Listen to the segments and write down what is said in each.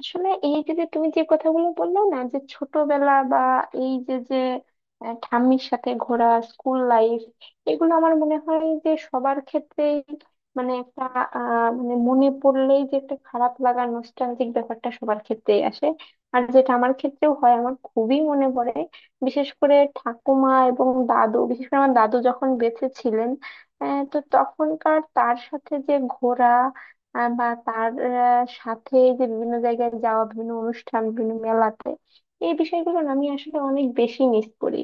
আসলে এই যে যে তুমি যে কথাগুলো বললে না, যে ছোটবেলা বা এই যে যে আহ, ঠাম্মির সাথে ঘোরা, স্কুল লাইফ, এগুলো আমার মনে হয় যে সবার ক্ষেত্রেই, মানে একটা মানে মনে পড়লেই যে একটা খারাপ লাগা, নস্টালজিক ব্যাপারটা সবার ক্ষেত্রেই আসে। আর যেটা আমার ক্ষেত্রেও হয়, আমার খুবই মনে পড়ে, বিশেষ করে ঠাকুমা এবং দাদু, বিশেষ করে আমার দাদু যখন বেঁচে ছিলেন। তো তখনকার তার সাথে যে ঘোরা, বা তার সাথে যে বিভিন্ন জায়গায় যাওয়া, বিভিন্ন অনুষ্ঠান, বিভিন্ন মেলাতে, এই বিষয়গুলো না আমি আসলে অনেক বেশি মিস করি।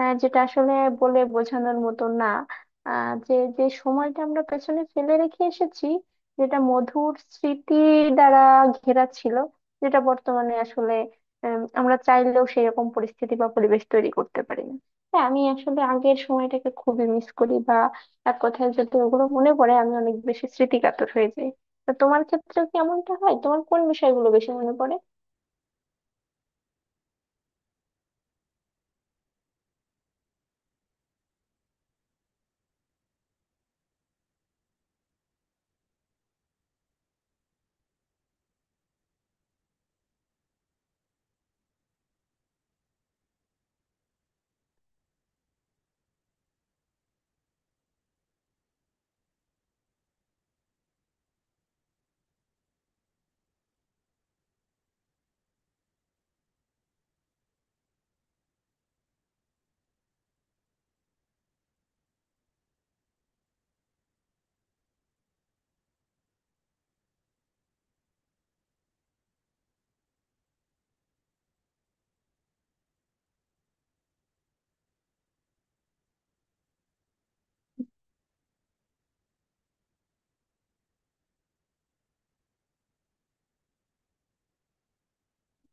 যেটা আসলে বলে বোঝানোর মতো না। যে যে সময়টা আমরা পেছনে ফেলে রেখে এসেছি, যেটা মধুর স্মৃতি দ্বারা ঘেরা ছিল, যেটা বর্তমানে আসলে আমরা চাইলেও সেরকম পরিস্থিতি বা পরিবেশ তৈরি করতে পারি না। হ্যাঁ, আমি আসলে আগের সময়টাকে খুবই মিস করি, বা এক কথায় যদি ওগুলো মনে পড়ে আমি অনেক বেশি স্মৃতিকাতর হয়ে যাই। তা তোমার ক্ষেত্রে কেমনটা হয়, তোমার কোন বিষয়গুলো বেশি মনে পড়ে?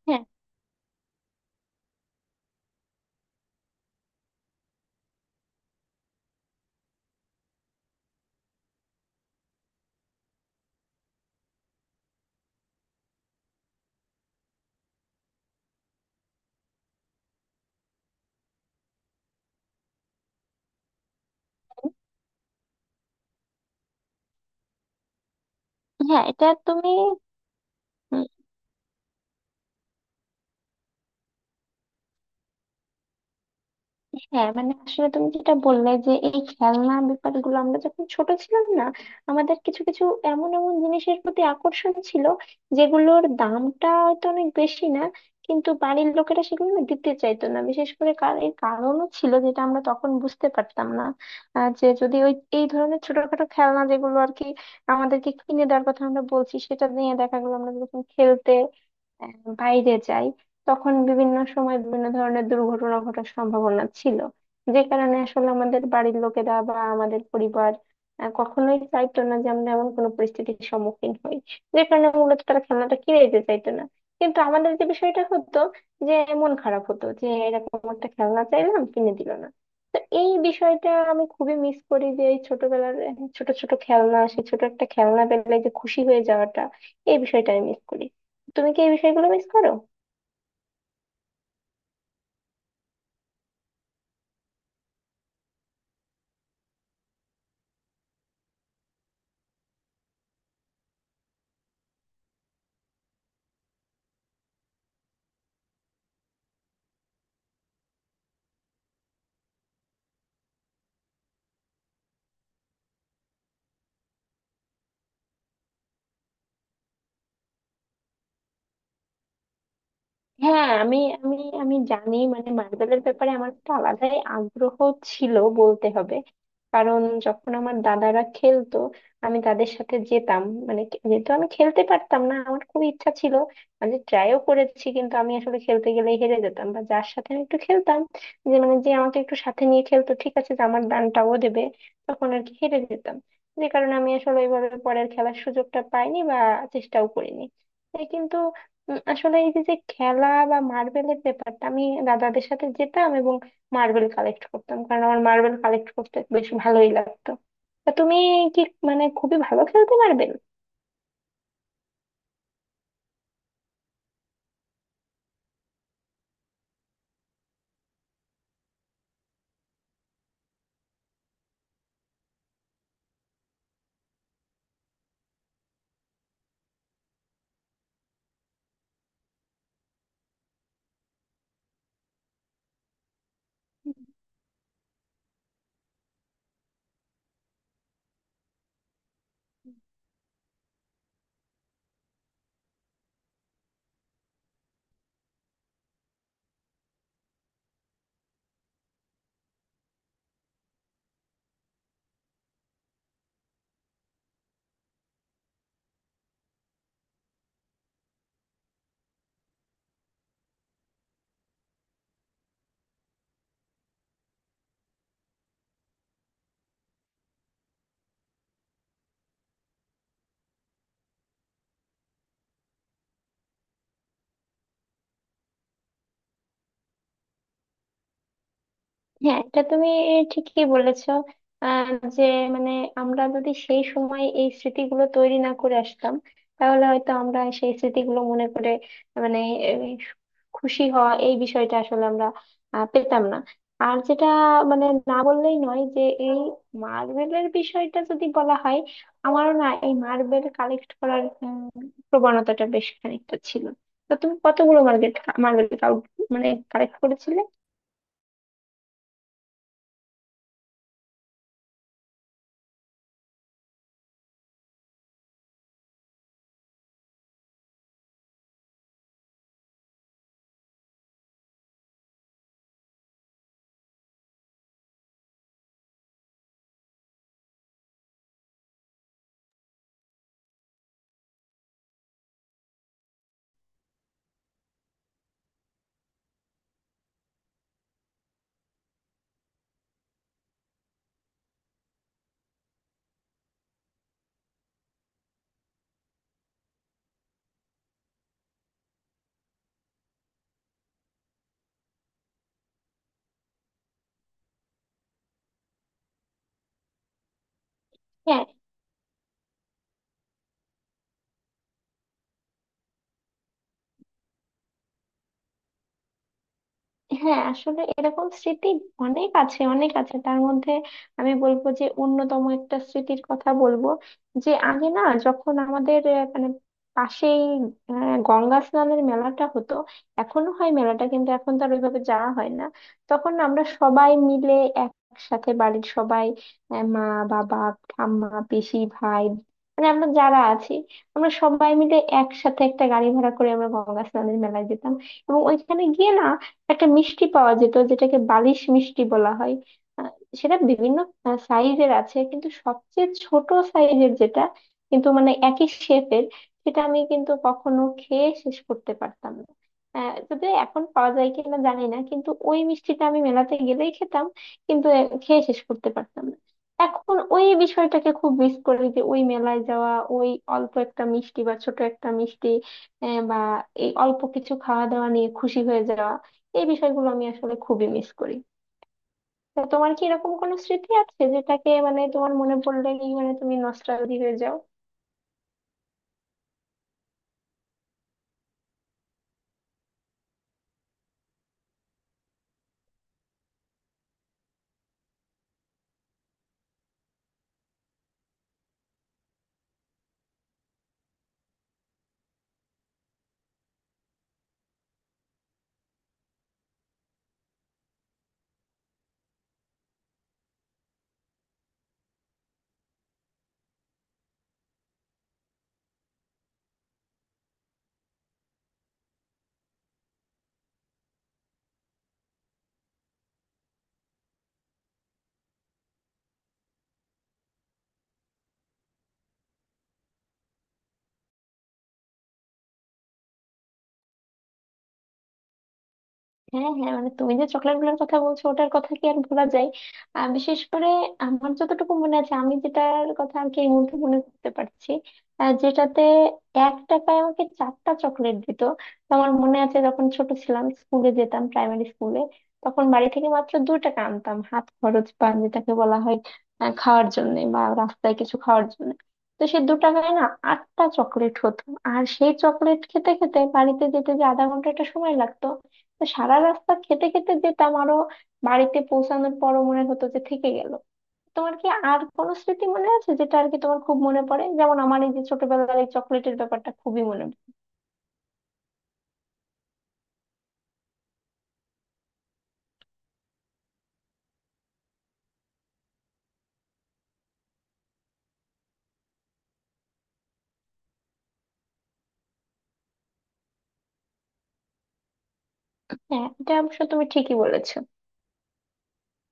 হ্যাঁ, হ্যাঁ, এটা তুমি। হ্যাঁ, মানে আসলে তুমি যেটা বললে যে এই খেলনা ব্যাপারগুলো, আমরা যখন ছোট ছিলাম না, আমাদের কিছু কিছু এমন এমন জিনিসের প্রতি আকর্ষণ ছিল যেগুলোর দামটা হয়তো অনেক বেশি না, কিন্তু বাড়ির লোকেরা সেগুলো না দিতে চাইতো না, বিশেষ করে কার এর কারণও ছিল যেটা আমরা তখন বুঝতে পারতাম না। যে যদি ওই এই ধরনের ছোটখাটো খেলনা, যেগুলো আর কি আমাদেরকে কিনে দেওয়ার কথা আমরা বলছি, সেটা নিয়ে দেখা গেলো আমরা যখন খেলতে বাইরে যাই, তখন বিভিন্ন সময় বিভিন্ন ধরনের দুর্ঘটনা ঘটার সম্ভাবনা ছিল, যে কারণে আসলে আমাদের বাড়ির লোকেরা বা আমাদের পরিবার কখনোই চাইতো না যে আমরা এমন কোনো পরিস্থিতির সম্মুখীন হই, যে কারণে মূলত তারা খেলনাটা কিনে দিতে চাইতো না। কিন্তু আমাদের যে বিষয়টা হতো, যে মন খারাপ হতো যে এরকম একটা খেলনা চাইলাম কিনে দিল না। তো এই বিষয়টা আমি খুবই মিস করি যে এই ছোটবেলার ছোট ছোট খেলনা, সে ছোট একটা খেলনা পেলে যে খুশি হয়ে যাওয়াটা, এই বিষয়টা আমি মিস করি। তুমি কি এই বিষয়গুলো মিস করো? হ্যাঁ আমি, আমি আমি জানি মানে মার্বেলের ব্যাপারে আমার একটা আলাদাই আগ্রহ ছিল বলতে হবে। কারণ যখন আমার দাদারা খেলতো আমি তাদের সাথে যেতাম, মানে যেহেতু আমি খেলতে পারতাম না, আমার খুব ইচ্ছা ছিল। আমি ট্রাইও করেছি কিন্তু আমি আসলে খেলতে গেলে হেরে যেতাম, বা যার সাথে আমি একটু খেলতাম, যে মানে যে আমাকে একটু সাথে নিয়ে খেলতো ঠিক আছে, যে আমার দানটাও দেবে, তখন আর কি হেরে যেতাম। যে কারণে আমি আসলে ওইভাবে পরের খেলার সুযোগটা পাইনি বা চেষ্টাও করিনি। এই কিন্তু আসলে এই যে যে খেলা বা মার্বেলের ব্যাপারটা, আমি দাদাদের সাথে যেতাম এবং মার্বেল কালেক্ট করতাম, কারণ আমার মার্বেল কালেক্ট করতে বেশ ভালোই লাগতো। তা তুমি কি মানে খুবই ভালো খেলতে মার্বেল? হ্যাঁ এটা তুমি ঠিকই বলেছো। আহ যে মানে আমরা যদি সেই সময় এই স্মৃতিগুলো তৈরি না করে আসতাম, তাহলে হয়তো আমরা সেই স্মৃতিগুলো মনে করে, মানে এই খুশি হওয়া, এই বিষয়টা আসলে আমরা পেতাম না। আর যেটা মানে না বললেই নয় যে এই মার্বেলের বিষয়টা যদি বলা হয়, আমারও না এই মার্বেল কালেক্ট করার প্রবণতাটা বেশ খানিকটা ছিল। তো তুমি কতগুলো মার্বেল, মার্বেল মানে কালেক্ট করেছিলে? হ্যাঁ আসলে এরকম স্মৃতি অনেক আছে, অনেক আছে, তার মধ্যে আমি বলবো যে অন্যতম একটা স্মৃতির কথা বলবো। যে আগে না, যখন আমাদের মানে পাশেই গঙ্গা স্নানের মেলাটা হতো, এখনো হয় মেলাটা কিন্তু এখন তো আর ওইভাবে যাওয়া হয় না। তখন আমরা সবাই মিলে একসাথে, বাড়ির সবাই, মা, বাবা, ঠাম্মা, পিসি, ভাই, মানে আমরা যারা আছি, আমরা সবাই মিলে একসাথে একটা গাড়ি ভাড়া করে আমরা গঙ্গা স্নানের মেলায় যেতাম। এবং ওইখানে গিয়ে না একটা মিষ্টি পাওয়া যেত যেটাকে বালিশ মিষ্টি বলা হয়। আহ, সেটা বিভিন্ন সাইজের আছে, কিন্তু সবচেয়ে ছোট সাইজের যেটা, কিন্তু মানে একই শেপের, সেটা আমি কিন্তু কখনো খেয়ে শেষ করতে পারতাম না। যদিও এখন পাওয়া যায় কিনা জানি না, কিন্তু ওই মিষ্টিটা আমি মেলাতে গেলেই খেতাম, কিন্তু খেয়ে শেষ করতে পারতাম না। এখন ওই বিষয়টাকে খুব মিস করি, যে ওই মেলায় যাওয়া, ওই অল্প একটা মিষ্টি বা ছোট একটা মিষ্টি, বা এই অল্প কিছু খাওয়া দাওয়া নিয়ে খুশি হয়ে যাওয়া, এই বিষয়গুলো আমি আসলে খুবই মিস করি। তা তোমার কি এরকম কোনো স্মৃতি আছে যেটাকে মানে তোমার মনে পড়লেই মানে তুমি নস্টালজি হয়ে যাও? হ্যাঁ, হ্যাঁ, মানে তুমি যে চকলেট গুলোর কথা বলছো ওটার কথা কি আর ভোলা যায়! বিশেষ করে আমার যতটুকু মনে আছে, আমি যেটার কথা আর কি এই মুহূর্তে মনে করতে পারছি, যেটাতে 1 টাকায় আমাকে 4টা চকলেট দিত। তো আমার মনে আছে যখন ছোট ছিলাম, স্কুলে যেতাম প্রাইমারি স্কুলে, তখন বাড়ি থেকে মাত্র 2 টাকা আনতাম হাত খরচ বা যেটাকে বলা হয়, খাওয়ার জন্য বা রাস্তায় কিছু খাওয়ার জন্য। তো সে 2 টাকায় না 8টা চকলেট হতো। আর সেই চকলেট খেতে খেতে বাড়িতে যেতে যে আধা ঘন্টা একটা সময় লাগতো, তো সারা রাস্তা খেতে খেতে যেতাম, আরো বাড়িতে পৌঁছানোর পরও মনে হতো যে থেকে গেল। তোমার কি আর কোনো স্মৃতি মনে আছে যেটা আর কি তোমার খুব মনে পড়ে, যেমন আমার এই যে ছোটবেলার এই চকলেটের ব্যাপারটা খুবই মনে পড়ে? হ্যাঁ এটা অবশ্য তুমি ঠিকই বলেছো।